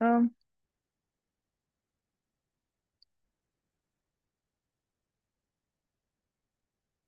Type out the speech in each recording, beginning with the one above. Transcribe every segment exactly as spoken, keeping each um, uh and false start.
اه.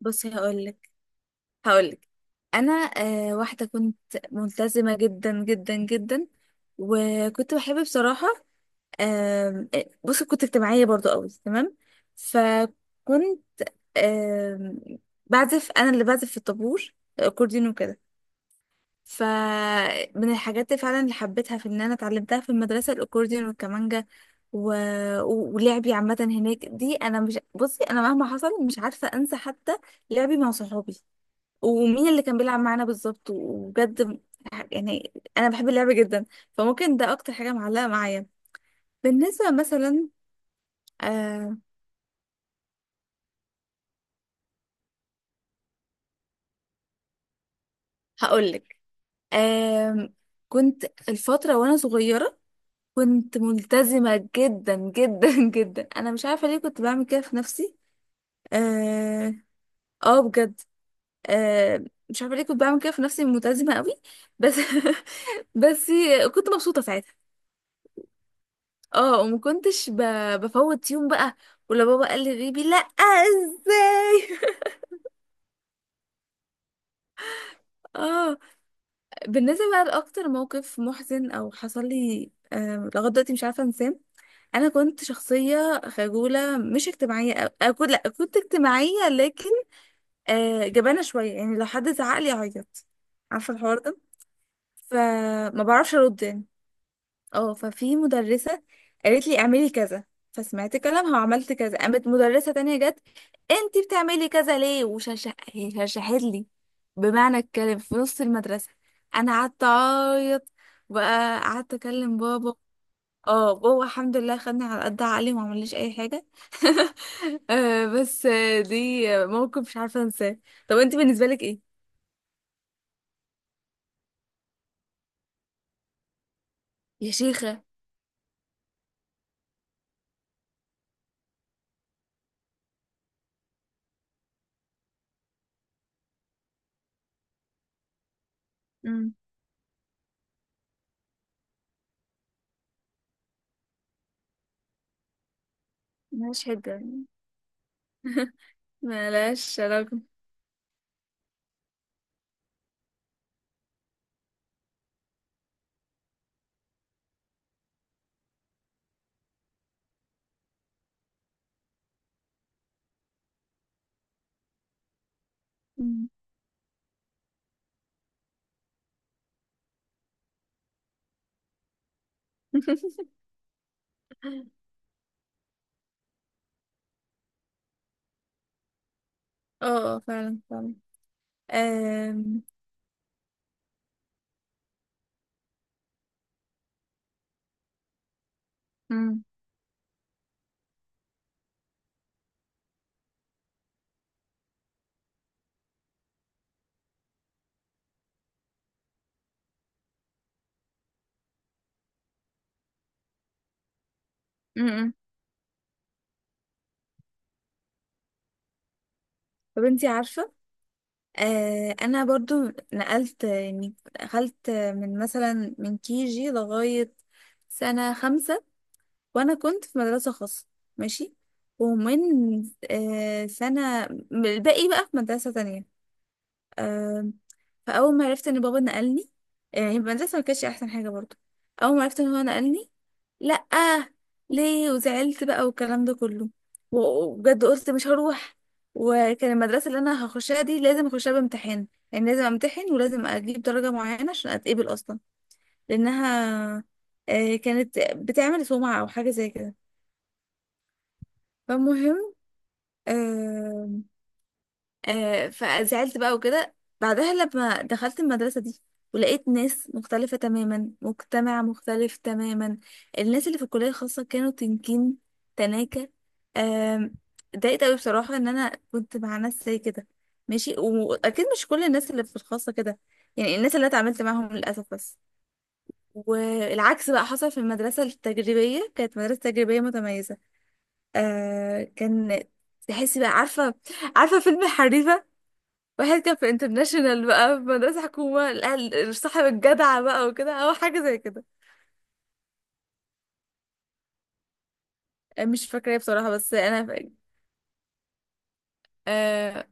بصي، هقولك هقولك انا آه واحده كنت ملتزمه جدا جدا جدا، وكنت بحب بصراحه. آم، آه بصي، كنت اجتماعيه برضو قوي، تمام. فكنت، آم، بعزف انا اللي بعزف في الطابور الاكورديون وكده. فمن الحاجات اللي فعلا اللي حبيتها في ان انا اتعلمتها في المدرسه، الاكورديون والكمانجا. و... و- ولعبي عامه هناك، دي انا مش، بصي انا مهما حصل مش عارفه انسى حتى لعبي مع صحابي، ومين اللي كان بيلعب معانا بالظبط. وبجد يعني انا بحب اللعبه جدا، فممكن ده اكتر حاجه معلقه معايا بالنسبه، مثلا. أه. هقولك. أه، كنت الفتره وانا صغيره كنت ملتزمه جدا جدا جدا، انا مش عارفه ليه كنت بعمل كده في نفسي. اه. آه بجد. أه، مش عارفه ليه كنت بعمل كده في نفسي، ملتزمه قوي، بس بس كنت مبسوطه ساعتها. اه، وما كنتش ب... بفوت يوم بقى، ولا بابا قال لي غيبي، لا، ازاي؟ اه. بالنسبه بقى لاكتر موقف محزن او حصل لي، آه لغايه دلوقتي مش عارفه انساه: انا كنت شخصيه خجوله مش اجتماعيه، أو... أكون لا، كنت اجتماعيه لكن آه جبانه شويه، يعني لو حد زعق لي اعيط. عارفه الحوار ده؟ فما بعرفش ارد يعني. اه ففي مدرسة قالت لي اعملي كذا، فسمعت كلامها وعملت كذا، قامت مدرسة تانية جت: انتي بتعملي كذا ليه؟ وشرشحت لي، بمعنى الكلام، في نص المدرسة. انا قعدت اعيط، بقى قعدت اكلم بابا. اه، بابا الحمد لله خدني على قد عقلي وما عمليش اي حاجة. آه، بس آه، دي آه، موقف مش عارفة انساه. طب انتي بالنسبة لك ايه؟ يا شيخة. مم. ملهاش حجة. ملهاش علاقة. مم. اه اه، فعلا فعلا. أم... أم... أم. طب انتي عارفة، أه انا برضو نقلت يعني. دخلت من مثلا من كي جي لغاية سنة خمسة وانا كنت في مدرسة خاصة، ماشي. ومن أه سنة، الباقي بقى في مدرسة تانية. فاول ما عرفت ان بابا نقلني، يعني المدرسه ما كانتش احسن حاجه برضو. اول ما عرفت ان هو نقلني: لا، ليه؟ وزعلت بقى والكلام ده كله. و- وبجد قلت مش هروح. وكان المدرسه اللي انا هخشها دي لازم اخشها بامتحان، يعني لازم امتحن ولازم اجيب درجه معينه عشان اتقبل اصلا، لانها آه، كانت بتعمل سمعه او حاجه زي كده. فالمهم، آه، آه فزعلت بقى وكده. بعدها لما دخلت المدرسة دي ولقيت ناس مختلفة تماما، مجتمع مختلف تماما، الناس اللي في الكلية الخاصة كانوا تنكين، تناكة. آم، اتضايقت قوي بصراحة ان انا كنت مع ناس زي كده، ماشي. واكيد مش كل الناس اللي في الخاصة كده، يعني الناس اللي أنا اتعاملت معاهم للأسف بس. والعكس بقى حصل في المدرسة التجريبية، كانت مدرسة تجريبية متميزة. آه كان، تحسي بقى، عارفة. عارفة فيلم حريفة؟ واحد كان في انترناشونال بقى، في مدرسة حكومة، الأهل- صاحب الجدع بقى وكده، أو حاجة زي كده. آه، مش فاكرة إيه بصراحة، بس أنا فاكرة. آه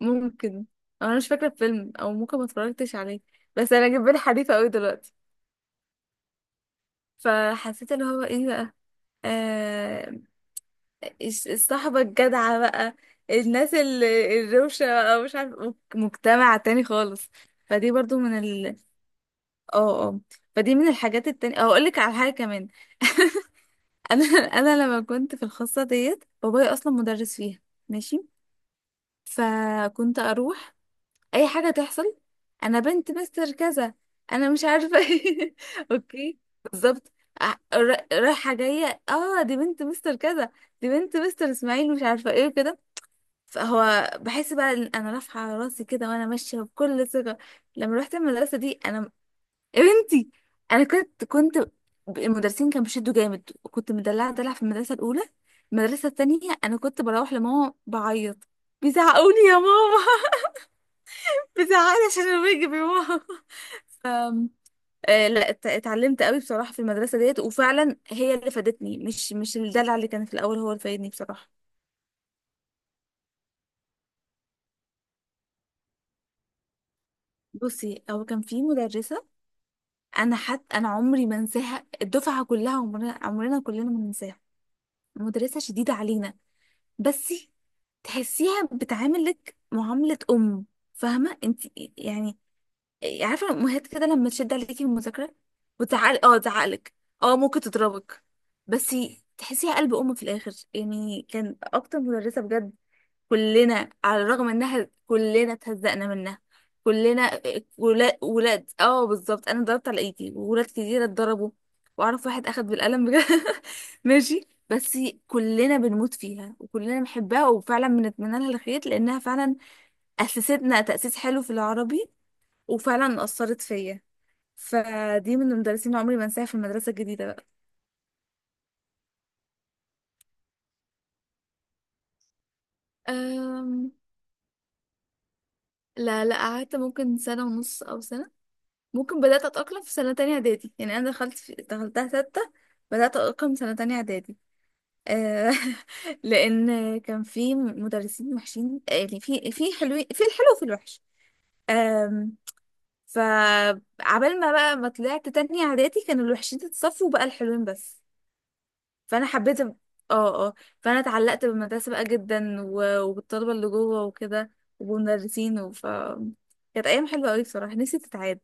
ممكن. أو أنا مش فاكرة الفيلم، أو ممكن ما اتفرجتش عليه، بس أنا جايب بالي حريفة أوي دلوقتي. فحسيت اللي هو إيه بقى، آه الش- الصحبة الجدعة بقى، الناس ال- الروشة بقى، مش عارف، مجتمع تاني خالص. فدي برضو من ال اه اه فدي من الحاجات التانية. أو أقولك على حاجة كمان. انا انا لما كنت في الخاصه ديت، بابايا اصلا مدرس فيها، ماشي. فكنت اروح، اي حاجه تحصل: انا بنت مستر كذا، انا مش عارفه ايه. اوكي، بالظبط. أح- را- رايحه جايه، اه، دي بنت مستر كذا، دي بنت مستر اسماعيل مش عارفه ايه كده. فهو بحس بقى ان انا رافعه راسي كده وانا ماشيه بكل ثقه. لما رحت المدرسه دي، انا يا بنتي، انا كنت كنت ب- المدرسين كانوا بيشدوا جامد، وكنت مدلعه دلع في المدرسه الاولى. المدرسه التانية انا كنت بروح لماما بعيط: بيزعقوني يا ماما. بيزعقني عشان انا واجب يا ماما. ف آه، لا، ات- اتعلمت قوي بصراحه في المدرسه ديت، وفعلا هي اللي فادتني، مش مش الدلع اللي كان في الاول هو اللي فادني بصراحه. بصي، هو كان في مدرسه، انا حتى انا عمري ما انساها، الدفعه كلها، عمرنا عمرنا كلنا ما ننساها. مدرسه شديده علينا، بس تحسيها بتعاملك معاملة أم، فاهمة انت؟ يعني عارفة الأمهات كده لما تشد عليكي في المذاكرة وتعال اه تعقلك، اه ممكن تضربك، بس تحسيها قلب أم في الآخر. يعني كان أكتر مدرسة بجد، كلنا على الرغم انها كلنا اتهزقنا منها، كلنا، ولا- ولاد، اه بالظبط، انا ضربت على ايدي وولاد كتير اتضربوا، واعرف واحد اخد بالقلم بجد. ماشي. بس كلنا بنموت فيها وكلنا بنحبها، وفعلا بنتمنى لها الخير، لانها فعلا اسستنا تاسيس حلو في العربي، وفعلا اثرت فيا. فدي من المدرسين اللي عمري ما انساها في المدرسه الجديده بقى. أم... لا لا، قعدت ممكن سنه ونص او سنه. ممكن بدأت أتأقلم في سنة تانية إعدادي. يعني أنا دخلت في... دخلتها ستة. بدأت أتأقلم سنة تانية إعدادي. آه لأن كان في مدرسين وحشين، آه، يعني في في حلوين، في الحلو وفي الوحش. آم، فعبال ما بقى ما طلعت تانية إعدادي، كانوا الوحشين اتصفوا وبقى الحلوين بس. فأنا حبيت. اه اه. فأنا اتعلقت بالمدرسة بقى جدا، و... وبالطلبة اللي جوه وكده، وبالمدرسين. وف كانت أيام حلوة أوي بصراحة، نفسي تتعاد.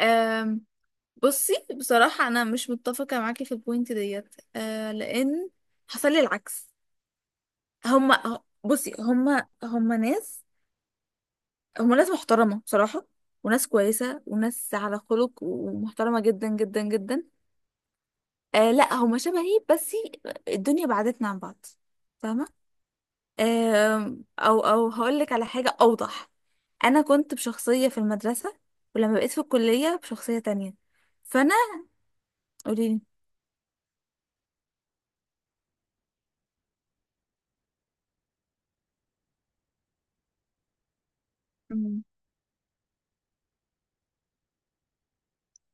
مم. بصي بصراحة أنا مش متفقة معاكي في البوينت ديت، آه لأن حصل لي العكس. هما بصي هما هما ناس، هما ناس محترمة بصراحة، وناس كويسة وناس على خلق ومحترمة جدا جدا جدا. آه لا، هما شبهي، بس الدنيا بعدتنا عن بعض، فاهمة؟ آه أو أو هقولك على حاجة أوضح: أنا كنت بشخصية في المدرسة، ولما بقيت في الكلية بشخصية تانية. فأنا، قوليلي.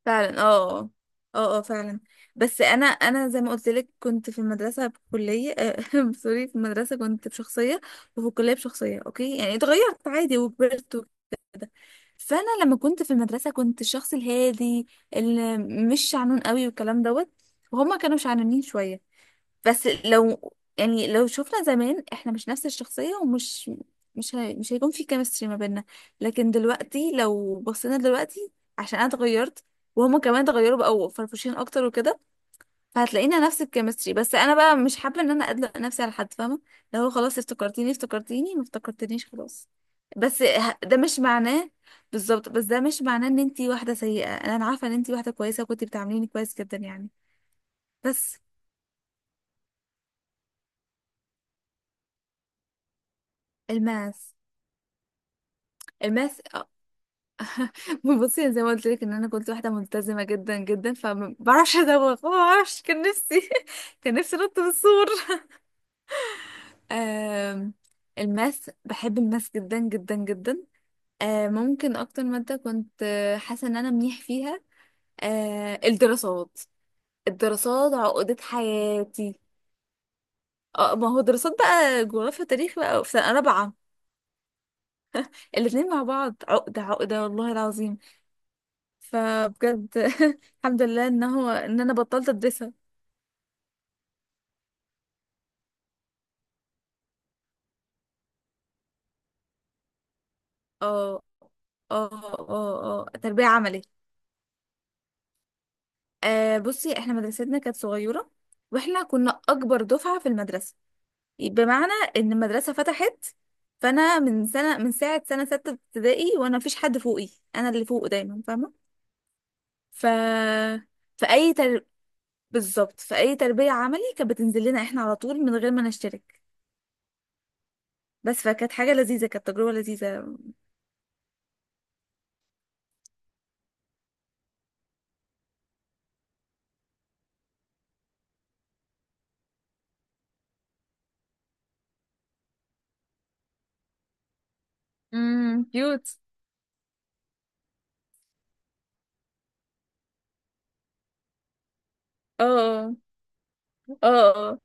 فعلا اه اه. اه آه، فعلا. بس انا انا زي ما قلت لك كنت في المدرسه بكليه آه، سوري، في المدرسه كنت بشخصيه وفي الكليه بشخصيه، اوكي؟ يعني اتغيرت عادي وكبرت وكده. فانا لما كنت في المدرسه كنت الشخص الهادي اللي مش شعنون قوي والكلام دوت، وهما كانوا شعنانين شويه. بس لو، يعني لو شفنا زمان احنا مش نفس الشخصية ومش مش هي... مش هيكون في كيمستري ما بيننا. لكن دلوقتي لو بصينا دلوقتي، عشان انا اتغيرت وهما كمان اتغيروا بقوا فرفوشين اكتر وكده، فهتلاقينا نفس الكيمستري. بس انا بقى مش حابة ان انا ادلق نفسي على حد، فاهمة؟ لو خلاص افتكرتيني افتكرتيني، ما افتكرتنيش خلاص. بس ه- ده مش معناه بالظبط، بس ده مش معناه ان انتي واحدة سيئة. انا عارفة ان انتي واحدة كويسة وكنتي بتعامليني كويس جدا يعني، بس. الماس. الماس. بصي زي ما قلت لك ان انا كنت واحده ملتزمه جدا جدا، فما بعرفش ادوخ، ما بعرفش، كان نفسي كان نفسي انط من السور. آم، الماس، بحب الماس جدا جدا جدا. آه، ممكن اكتر ماده كنت آه، حاسه ان انا منيح فيها، آه، الدراسات. الدراسات عقدة حياتي. اه، ما هو دراسات بقى، جغرافيا تاريخ بقى في سنه رابعه. الاتنين مع بعض عقده عقده والله العظيم. فبجد الحمد لله ان هو ان انا بطلت ادرسها. اه. اه. اه اه تربية عملي. آه بصي احنا مدرستنا كانت صغيرة، واحنا كنا اكبر دفعة في المدرسة. بمعنى ان المدرسة فتحت، فانا من سنة، من ساعة سنة ستة ابتدائي وانا مفيش حد فوقي، انا اللي فوق دايما، فاهمة؟ ف في اي تر... بالظبط، في اي تربية عملي كانت بتنزل لنا احنا على طول من غير ما نشترك. بس فكانت حاجة لذيذة، كانت تجربة لذيذة. امم، كيوت. اه اه اه.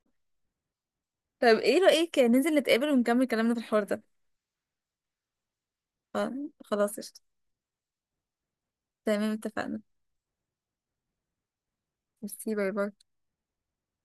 طب ايه رأيك ننزل نتقابل ونكمل كلامنا في الحوار ده؟ آه، خلاص قشطة. تمام اتفقنا. ميرسي، باي باي.